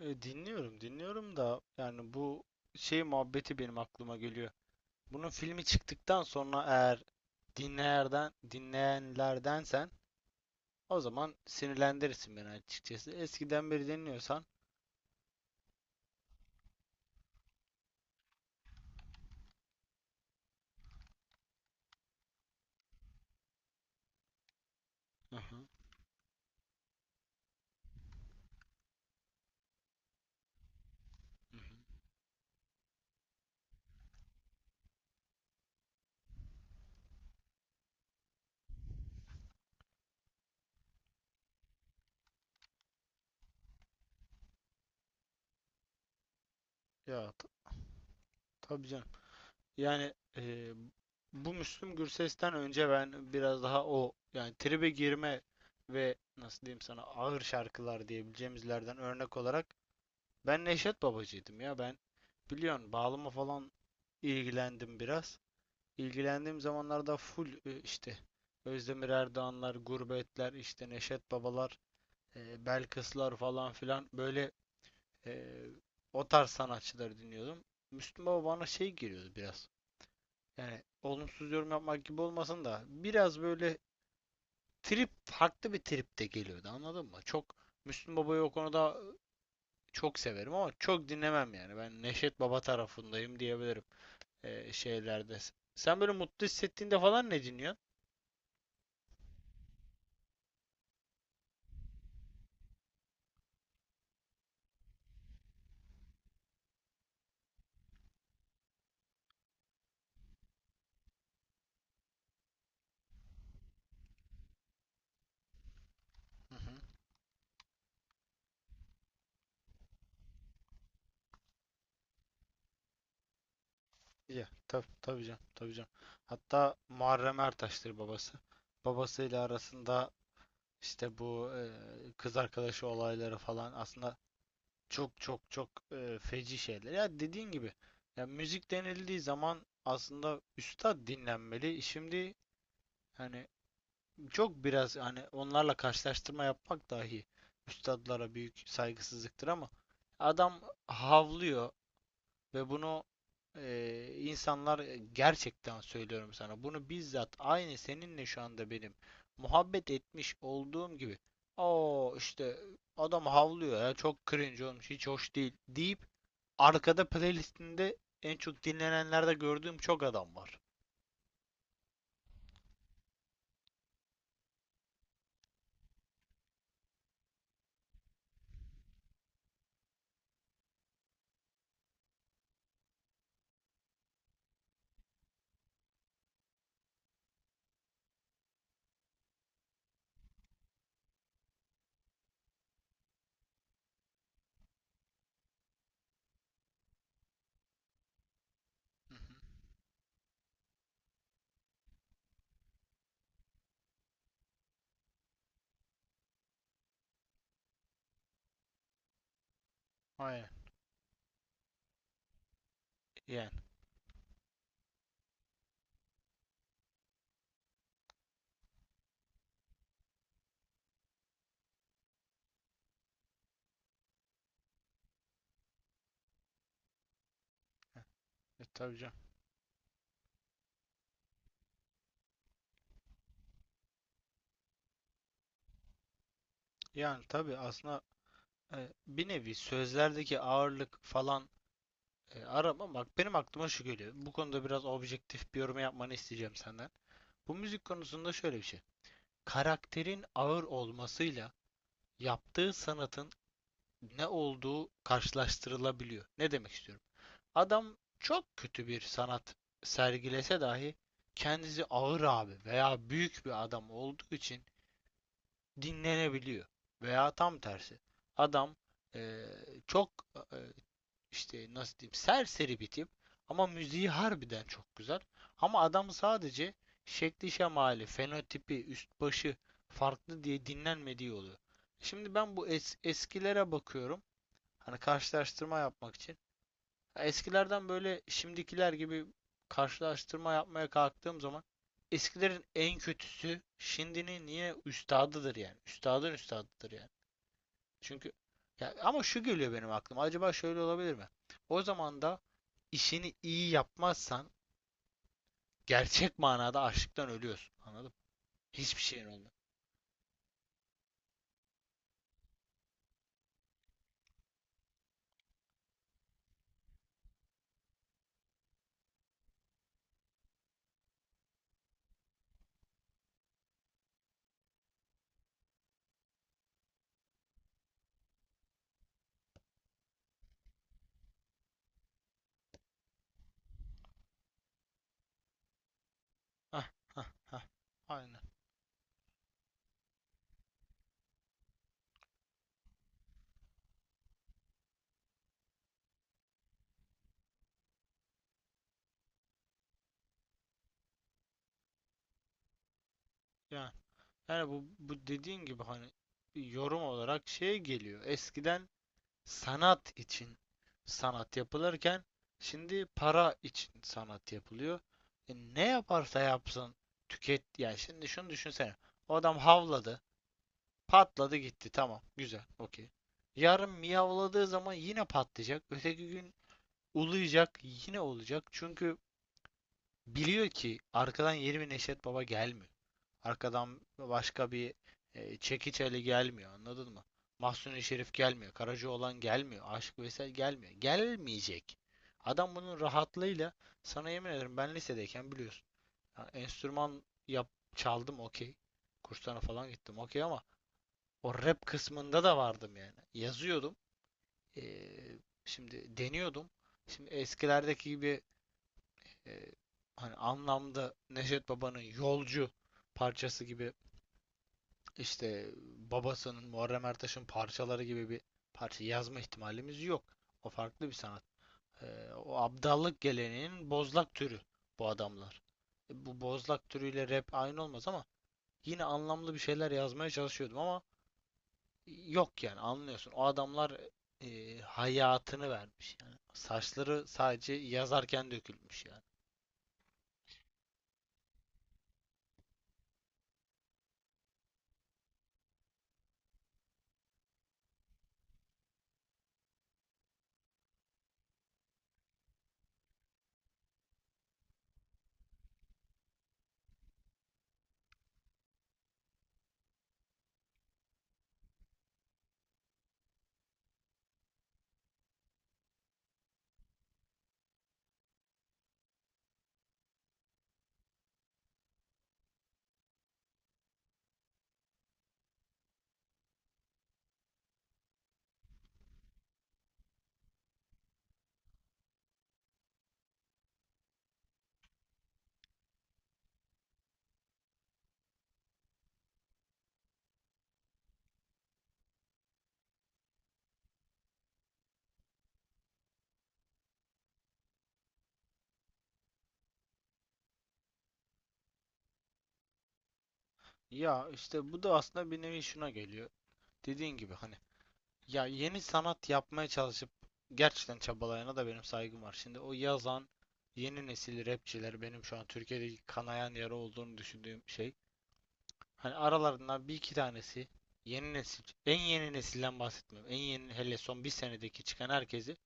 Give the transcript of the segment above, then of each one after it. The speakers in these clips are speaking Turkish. Dinliyorum, dinliyorum da yani bu şey muhabbeti benim aklıma geliyor. Bunun filmi çıktıktan sonra eğer dinleyenlerdensen o zaman sinirlendirirsin beni açıkçası. Eskiden beri dinliyorsan. Hı hı, hı hı. Ya tabii canım. Yani bu Müslüm Gürses'ten önce ben biraz daha o yani tribe girme ve nasıl diyeyim sana ağır şarkılar diyebileceğimizlerden örnek olarak Ben Neşet Babacıydım ya ben. Biliyorsun bağlama falan ilgilendim biraz. İlgilendiğim zamanlarda full işte Özdemir Erdoğanlar, Gurbetler, işte Neşet Babalar, Belkıslar falan filan böyle e, o tarz sanatçıları dinliyordum. Müslüm Baba bana şey geliyordu biraz. Yani olumsuz yorum yapmak gibi olmasın da biraz böyle trip farklı bir trip de geliyordu anladın mı? Çok Müslüm Baba'yı o konuda çok severim ama çok dinlemem yani. Ben Neşet Baba tarafındayım diyebilirim şeylerde. Sen böyle mutlu hissettiğinde falan ne dinliyorsun? Hı hı. Ya tabii tabii canım tabii canım. Hatta Muharrem Ertaş'tır babası. Babasıyla arasında işte bu kız arkadaşı olayları falan aslında çok çok çok feci şeyler. Ya dediğin gibi ya müzik denildiği zaman aslında üstad dinlenmeli. Şimdi hani çok biraz hani onlarla karşılaştırma yapmak dahi üstadlara büyük saygısızlıktır ama adam havlıyor ve bunu insanlar gerçekten söylüyorum sana bunu bizzat aynı seninle şu anda benim muhabbet etmiş olduğum gibi o işte adam havlıyor ya çok cringe olmuş hiç hoş değil deyip arkada playlistinde en çok dinlenenlerde gördüğüm çok adam var. Aynen. Yani. Tabii canım. Yani tabii aslında, bir nevi sözlerdeki ağırlık falan, arama bak benim aklıma şu geliyor. Bu konuda biraz objektif bir yorum yapmanı isteyeceğim senden. Bu müzik konusunda şöyle bir şey. Karakterin ağır olmasıyla yaptığı sanatın ne olduğu karşılaştırılabiliyor. Ne demek istiyorum? Adam çok kötü bir sanat sergilese dahi kendisi ağır abi veya büyük bir adam olduğu için dinlenebiliyor. Veya tam tersi. Adam eee, çok eee, işte nasıl diyeyim serseri bir tip ama müziği harbiden çok güzel. Ama adam sadece şekli şemali, fenotipi, üst başı farklı diye dinlenmediği oluyor. Şimdi ben bu eskilere bakıyorum. Hani karşılaştırma yapmak için. Eskilerden böyle şimdikiler gibi karşılaştırma yapmaya kalktığım zaman eskilerin en kötüsü şimdinin niye üstadıdır yani. Üstadın üstadıdır yani. Çünkü ya ama şu geliyor benim aklıma. Acaba şöyle olabilir mi? O zaman da işini iyi yapmazsan gerçek manada açlıktan ölüyorsun. Anladın mı? Hiçbir şeyin olmuyor. Hah, hah, hah. Aynen. Yani, yani bu dediğin gibi hani yorum olarak şey geliyor. Eskiden sanat için sanat yapılırken şimdi para için sanat yapılıyor. E ne yaparsa yapsın tüket yani şimdi şunu düşünsene. O adam havladı. Patladı gitti. Tamam. Güzel. Okey. Yarın miyavladığı zaman yine patlayacak. Öteki gün uluyacak. Yine olacak. Çünkü biliyor ki arkadan yeni bir Neşet Baba gelmiyor. Arkadan başka bir Çekiç Ali gelmiyor. Anladın mı? Mahsuni Şerif gelmiyor. Karacaoğlan gelmiyor. Aşık Veysel gelmiyor. Gelmeyecek. Adam bunun rahatlığıyla sana yemin ederim ben lisedeyken biliyorsun. Ya enstrüman yap çaldım okey. Kurslarına falan gittim okey ama o rap kısmında da vardım yani. Yazıyordum. Ee, Şimdi deniyordum. Şimdi eskilerdeki gibi e, hani anlamda Neşet Baba'nın Yolcu parçası gibi işte babasının Muharrem Ertaş'ın parçaları gibi bir parça yazma ihtimalimiz yok. O farklı bir sanat. Ee, O abdallık geleneğinin bozlak türü bu adamlar. Bu bozlak türüyle rap aynı olmaz ama yine anlamlı bir şeyler yazmaya çalışıyordum ama yok yani anlıyorsun. O adamlar hayatını vermiş yani. Saçları sadece yazarken dökülmüş yani. Ya işte bu da aslında bir nevi şuna geliyor. Dediğin gibi hani ya yeni sanat yapmaya çalışıp gerçekten çabalayana da benim saygım var. Şimdi o yazan yeni nesil rapçiler benim şu an Türkiye'deki kanayan yara olduğunu düşündüğüm şey. Hani aralarından bir iki tanesi yeni nesil. En yeni nesilden bahsetmiyorum. En yeni hele son bir senedeki çıkan herkesi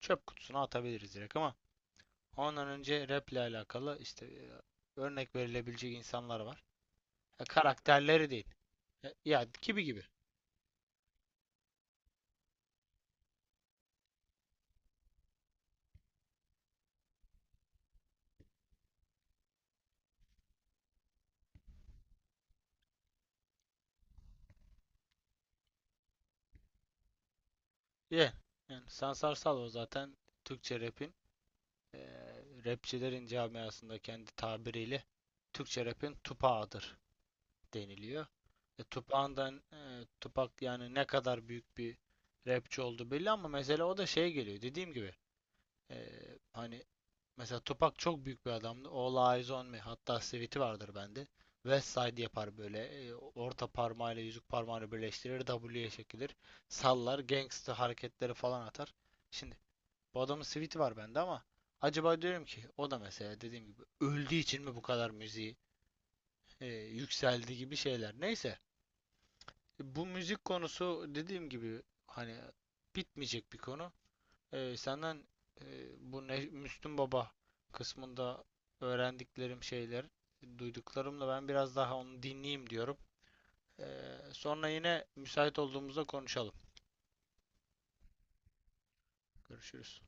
çöp kutusuna atabiliriz direkt ama ondan önce rap ile alakalı işte örnek verilebilecek insanlar var. Ya karakterleri değil. Ya gibi gibi. Ya, yani Sansar Salo zaten Türkçe rap'in e, rapçilerin camiasında kendi tabiriyle Türkçe rap'in tupağıdır deniliyor. Tupac yani ne kadar büyük bir rapçi oldu belli ama mesela o da şey geliyor dediğim gibi e, hani mesela Tupac çok büyük bir adamdı. All Eyes On Me hatta Sweet'i vardır bende. Westside yapar böyle orta parmağıyla yüzük parmağını birleştirir W'ye çekilir sallar gangsta hareketleri falan atar. Şimdi bu adamın Sweet'i var bende ama acaba diyorum ki o da mesela dediğim gibi öldüğü için mi bu kadar müziği e, yükseldi gibi şeyler. Neyse bu müzik konusu dediğim gibi hani bitmeyecek bir konu. Senden bu Müslüm Baba kısmında öğrendiklerim şeyler, duyduklarımla ben biraz daha onu dinleyeyim diyorum. Sonra yine müsait olduğumuzda konuşalım. Görüşürüz.